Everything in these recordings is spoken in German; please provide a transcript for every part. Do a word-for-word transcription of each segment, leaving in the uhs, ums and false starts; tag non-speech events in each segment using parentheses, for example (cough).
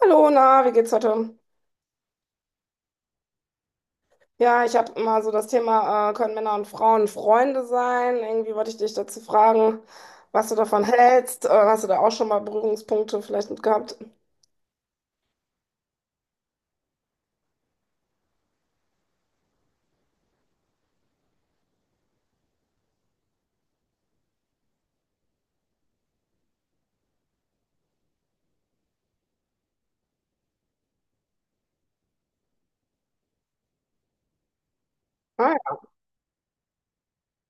Hallo, na, wie geht's heute? Ja, ich habe mal so das Thema, äh, können Männer und Frauen Freunde sein? Irgendwie wollte ich dich dazu fragen, was du davon hältst. Äh, hast du da auch schon mal Berührungspunkte vielleicht mit gehabt? Ah, ja.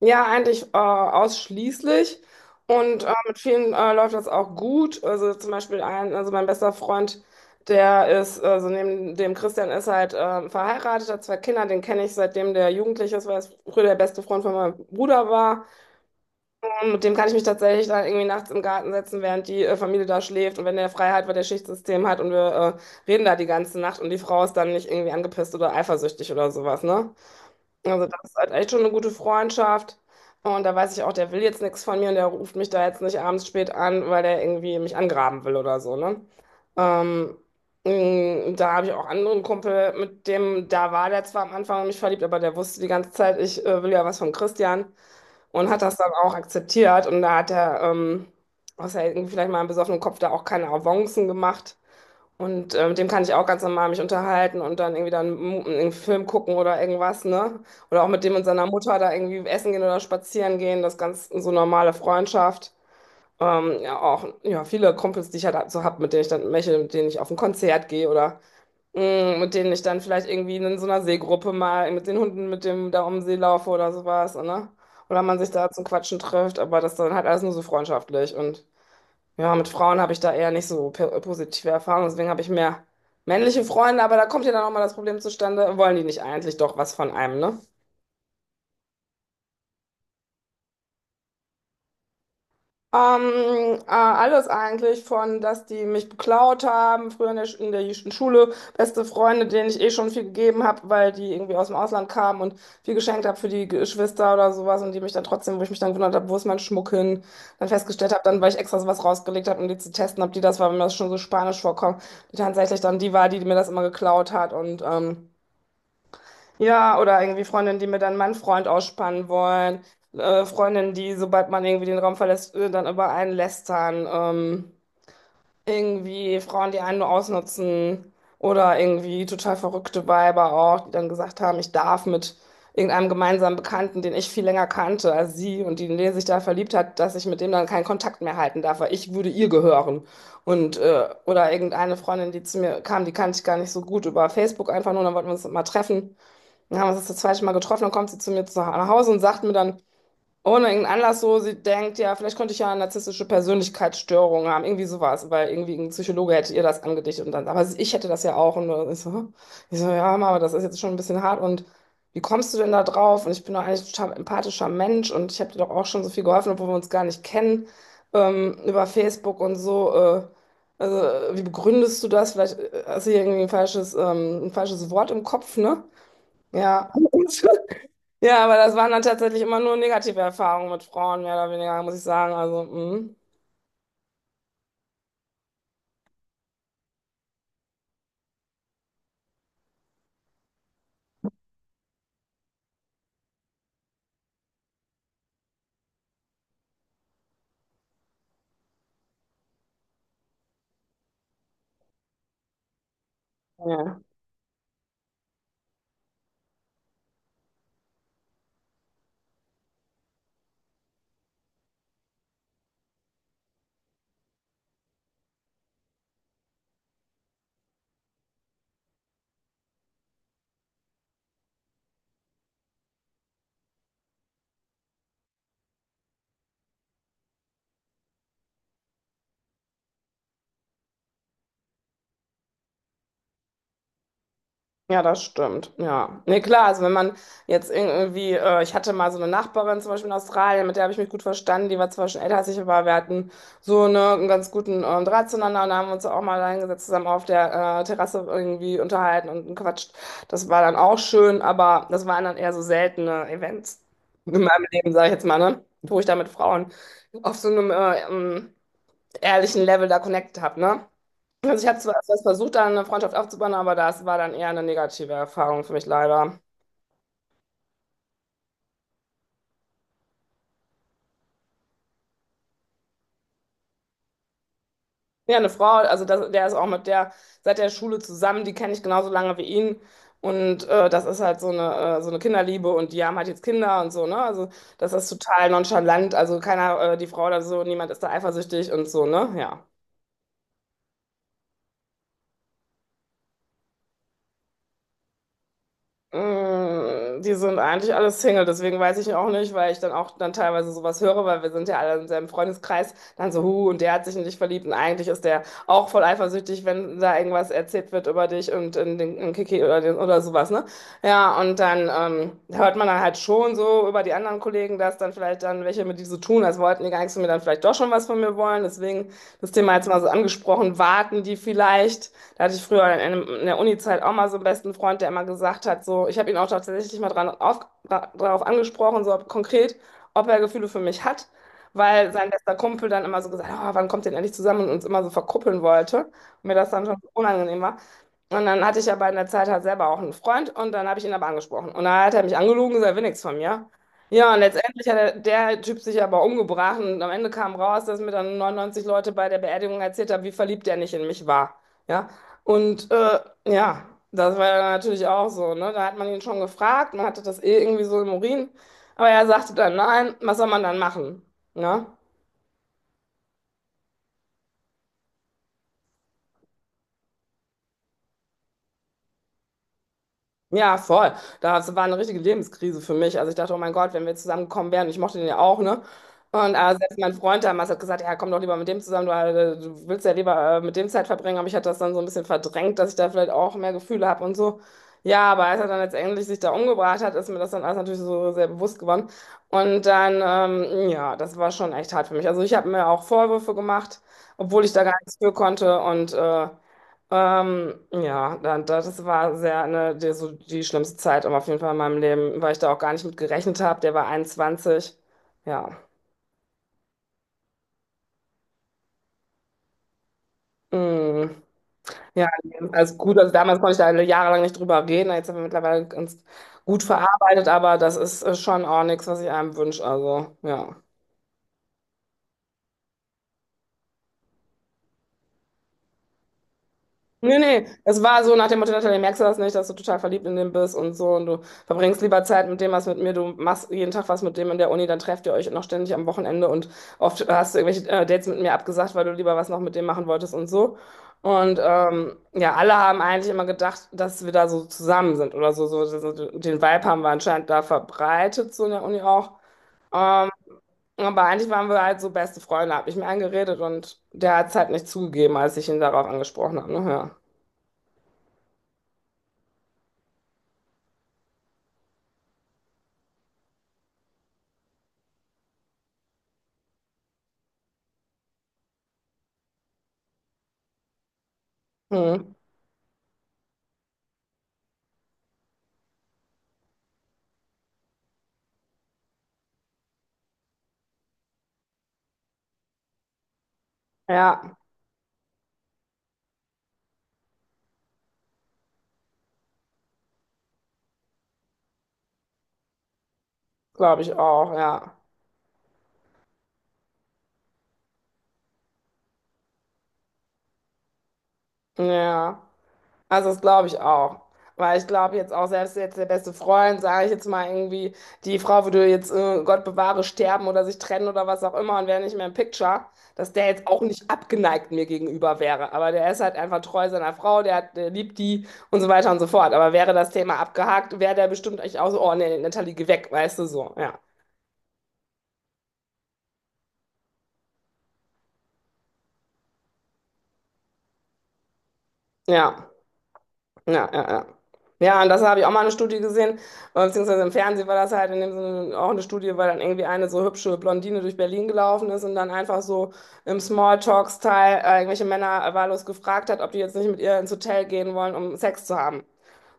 Ja, eigentlich äh, ausschließlich. Und äh, mit vielen äh, läuft das auch gut. Also zum Beispiel ein, also mein bester Freund, der ist, also neben dem Christian ist halt äh, verheiratet, hat zwei Kinder, den kenne ich seitdem der Jugendliche ist, weil er früher der beste Freund von meinem Bruder war. Und mit dem kann ich mich tatsächlich dann irgendwie nachts im Garten setzen, während die äh, Familie da schläft und wenn der frei hat, weil der Schichtsystem hat und wir äh, reden da die ganze Nacht und die Frau ist dann nicht irgendwie angepisst oder eifersüchtig oder sowas, ne? Also das ist halt echt schon eine gute Freundschaft. Und da weiß ich auch, der will jetzt nichts von mir und der ruft mich da jetzt nicht abends spät an, weil der irgendwie mich angraben will oder so, ne? Ähm, mh, Da habe ich auch anderen Kumpel, mit dem, da war der zwar am Anfang in mich verliebt, aber der wusste die ganze Zeit, ich äh, will ja was von Christian und hat das dann auch akzeptiert. Und da hat er, ähm, außer irgendwie vielleicht mal im besoffenen Kopf, da auch keine Avancen gemacht. Und ähm, mit dem kann ich auch ganz normal mich unterhalten und dann irgendwie dann mu- einen Film gucken oder irgendwas, ne? Oder auch mit dem und seiner Mutter da irgendwie essen gehen oder spazieren gehen. Das ist ganz so normale Freundschaft. Ähm, ja, auch ja, viele Kumpels, die ich halt so hab, mit denen ich dann meche, mit denen ich auf ein Konzert gehe oder Mm, mit denen ich dann vielleicht irgendwie in so einer Seegruppe mal mit den Hunden, mit dem da um den See laufe oder sowas, ne? Oder man sich da zum Quatschen trifft, aber das dann halt alles nur so freundschaftlich. Und ja, mit Frauen habe ich da eher nicht so pe- positive Erfahrungen, deswegen habe ich mehr männliche Freunde, aber da kommt ja dann auch mal das Problem zustande, wollen die nicht eigentlich doch was von einem, ne? Ähm, äh, Alles eigentlich von, dass die mich beklaut haben, früher in der, Sch- in der Sch- Schule, beste Freunde, denen ich eh schon viel gegeben habe, weil die irgendwie aus dem Ausland kamen und viel geschenkt habe für die Geschwister oder sowas und die mich dann trotzdem, wo ich mich dann gewundert habe, wo ist mein Schmuck hin, dann festgestellt habe, dann, weil ich extra was rausgelegt habe, um die zu testen, ob die das war, wenn mir das schon so spanisch vorkommt, die tatsächlich dann die war, die mir das immer geklaut hat und ähm, ja, oder irgendwie Freundinnen, die mir dann meinen Freund ausspannen wollen. Äh, Freundinnen, die, sobald man irgendwie den Raum verlässt, äh, dann über einen lästern. Ähm, irgendwie Frauen, die einen nur ausnutzen. Oder irgendwie total verrückte Weiber auch, die dann gesagt haben, ich darf mit irgendeinem gemeinsamen Bekannten, den ich viel länger kannte als sie und die, in den sich da verliebt hat, dass ich mit dem dann keinen Kontakt mehr halten darf, weil ich würde ihr gehören. Und, äh, oder irgendeine Freundin, die zu mir kam, die kannte ich gar nicht so gut über Facebook einfach nur, dann wollten wir uns mal treffen. Dann haben wir uns das zweite Mal getroffen, dann kommt sie zu mir zu- nach Hause und sagt mir dann, ohne irgendeinen Anlass so, sie denkt, ja, vielleicht könnte ich ja eine narzisstische Persönlichkeitsstörung haben, irgendwie sowas, weil irgendwie ein Psychologe hätte ihr das angedichtet und dann, aber ich hätte das ja auch und ich so, hä? Ich so, ja, Mama, das ist jetzt schon ein bisschen hart und wie kommst du denn da drauf? Und ich bin doch eigentlich ein total empathischer Mensch und ich habe dir doch auch schon so viel geholfen, obwohl wir uns gar nicht kennen, ähm, über Facebook und so, äh, also, wie begründest du das? Vielleicht äh, hast du hier irgendwie ein falsches, ähm, ein falsches Wort im Kopf, ne? Ja. Und, (laughs) ja, aber das waren dann tatsächlich immer nur negative Erfahrungen mit Frauen, mehr oder weniger, muss ich sagen. Also, mm. Ja, das stimmt. Ja. Nee, klar, also wenn man jetzt irgendwie, äh, ich hatte mal so eine Nachbarin zum Beispiel in Australien, mit der habe ich mich gut verstanden, die war zwar schon älter als ich, aber wir hatten so eine, einen ganz guten ähm, Draht zueinander und da haben wir uns auch mal reingesetzt, zusammen auf der äh, Terrasse irgendwie unterhalten und gequatscht. Das war dann auch schön, aber das waren dann eher so seltene Events in meinem Leben, sage ich jetzt mal, ne? Wo ich da mit Frauen auf so einem äh, ähm, ehrlichen Level da connected habe, ne? Also ich habe zwar erst was versucht, da eine Freundschaft aufzubauen, aber das war dann eher eine negative Erfahrung für mich leider. Ja, eine Frau, also das, der ist auch mit der seit der Schule zusammen, die kenne ich genauso lange wie ihn. Und äh, das ist halt so eine, äh, so eine Kinderliebe und die haben halt jetzt Kinder und so, ne? Also das ist total nonchalant. Also keiner, äh, die Frau oder so, niemand ist da eifersüchtig und so, ne? Ja. Mm, die sind eigentlich alle Single, deswegen weiß ich auch nicht, weil ich dann auch dann teilweise sowas höre, weil wir sind ja alle in seinem Freundeskreis, dann so, hu und der hat sich in dich verliebt und eigentlich ist der auch voll eifersüchtig, wenn da irgendwas erzählt wird über dich und in den in Kiki oder, den, oder sowas, ne? Ja, und dann ähm, hört man dann halt schon so über die anderen Kollegen, dass dann vielleicht dann welche mit die so tun, als wollten die gar nichts von mir, dann vielleicht doch schon was von mir wollen, deswegen das Thema jetzt mal so angesprochen, warten die vielleicht? Da hatte ich früher in, einem- in der Uni-Zeit auch mal so einen besten Freund, der immer gesagt hat, so, ich habe ihn auch tatsächlich mal dran auf, dra- drauf angesprochen, so ob, konkret, ob er Gefühle für mich hat, weil sein bester Kumpel dann immer so gesagt hat, oh, wann kommt ihr denn endlich zusammen und uns immer so verkuppeln wollte und mir das dann schon so unangenehm war. Und dann hatte ich aber in der Zeit halt selber auch einen Freund und dann habe ich ihn aber angesprochen. Und dann hat er mich angelogen, gesagt, er will nichts von mir. Ja, und letztendlich hat der, der Typ sich aber umgebracht und am Ende kam raus, dass mir dann neunundneunzig Leute bei der Beerdigung erzählt haben, wie verliebt er nicht in mich war. Ja, und äh, ja, das war dann natürlich auch so, ne? Da hat man ihn schon gefragt, man hatte das eh irgendwie so im Urin, aber er sagte dann nein, was soll man dann machen? Ne? Ja, voll. Das war eine richtige Lebenskrise für mich. Also ich dachte, oh mein Gott, wenn wir zusammengekommen wären, ich mochte den ja auch, ne? Und äh, selbst mein Freund damals hat gesagt, ja, komm doch lieber mit dem zusammen, du, äh, du willst ja lieber äh, mit dem Zeit verbringen, aber ich hatte das dann so ein bisschen verdrängt, dass ich da vielleicht auch mehr Gefühle habe und so. Ja, aber als er dann letztendlich sich da umgebracht hat, ist mir das dann alles natürlich so sehr bewusst geworden. Und dann, ähm, ja, das war schon echt hart für mich. Also ich habe mir auch Vorwürfe gemacht, obwohl ich da gar nichts für konnte und äh, ähm, ja, da- das war sehr eine, die, so die schlimmste Zeit aber auf jeden Fall in meinem Leben, weil ich da auch gar nicht mit gerechnet habe. Der war einundzwanzig. Ja. Mm. Ja, also gut, also damals konnte ich da jahrelang nicht drüber reden. Jetzt haben wir mittlerweile ganz gut verarbeitet, aber das ist äh, schon auch nichts, was ich einem wünsche. Also, ja. Nee, nee, es war so nach dem Motto, Natalie, merkst du das nicht, dass du total verliebt in den bist und so und du verbringst lieber Zeit mit dem, was mit mir, du machst jeden Tag was mit dem in der Uni, dann trefft ihr euch noch ständig am Wochenende und oft hast du irgendwelche äh, Dates mit mir abgesagt, weil du lieber was noch mit dem machen wolltest und so. Und ähm, ja, alle haben eigentlich immer gedacht, dass wir da so zusammen sind oder so, so, so so, den Vibe haben wir anscheinend da verbreitet, so in der Uni auch. Ähm, aber eigentlich waren wir halt so beste Freunde, hab ich mir eingeredet und der hat es halt nicht zugegeben, als ich ihn darauf angesprochen habe, ne? Ja. Hm. Ja, glaube ich auch, ja. Ja, also das glaube ich auch. Weil ich glaube jetzt auch, selbst jetzt der beste Freund, sage ich jetzt mal irgendwie, die Frau würde jetzt, äh, Gott bewahre, sterben oder sich trennen oder was auch immer und wäre nicht mehr im Picture, dass der jetzt auch nicht abgeneigt mir gegenüber wäre. Aber der ist halt einfach treu seiner Frau, der, hat, der liebt die und so weiter und so fort. Aber wäre das Thema abgehakt, wäre der bestimmt echt auch so, oh nee, Natalie, geh weg, weißt du so, ja. Ja. Ja, ja, ja. Ja, und das habe ich auch mal eine Studie gesehen, äh, beziehungsweise im Fernsehen war das halt in dem Sinne auch eine Studie, weil dann irgendwie eine so hübsche Blondine durch Berlin gelaufen ist und dann einfach so im Smalltalk-Style äh, irgendwelche Männer wahllos gefragt hat, ob die jetzt nicht mit ihr ins Hotel gehen wollen, um Sex zu haben.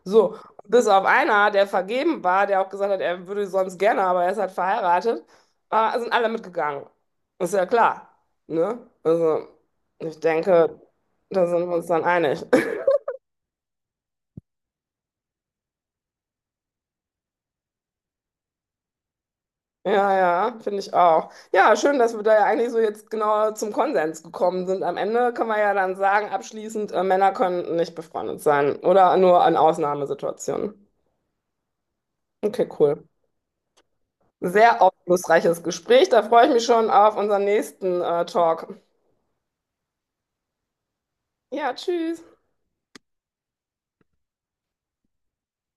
So, bis auf einer, der vergeben war, der auch gesagt hat, er würde sonst gerne, aber er ist halt verheiratet, äh, sind alle mitgegangen. Ist ja klar, ne? Also, ich denke, da sind wir uns dann einig. Ja, ja, finde ich auch. Ja, schön, dass wir da ja eigentlich so jetzt genau zum Konsens gekommen sind. Am Ende können wir ja dann sagen, abschließend, äh, Männer können nicht befreundet sein oder nur in Ausnahmesituationen. Okay, cool. Sehr aufschlussreiches Gespräch. Da freue ich mich schon auf unseren nächsten, äh, Talk. Ja, tschüss.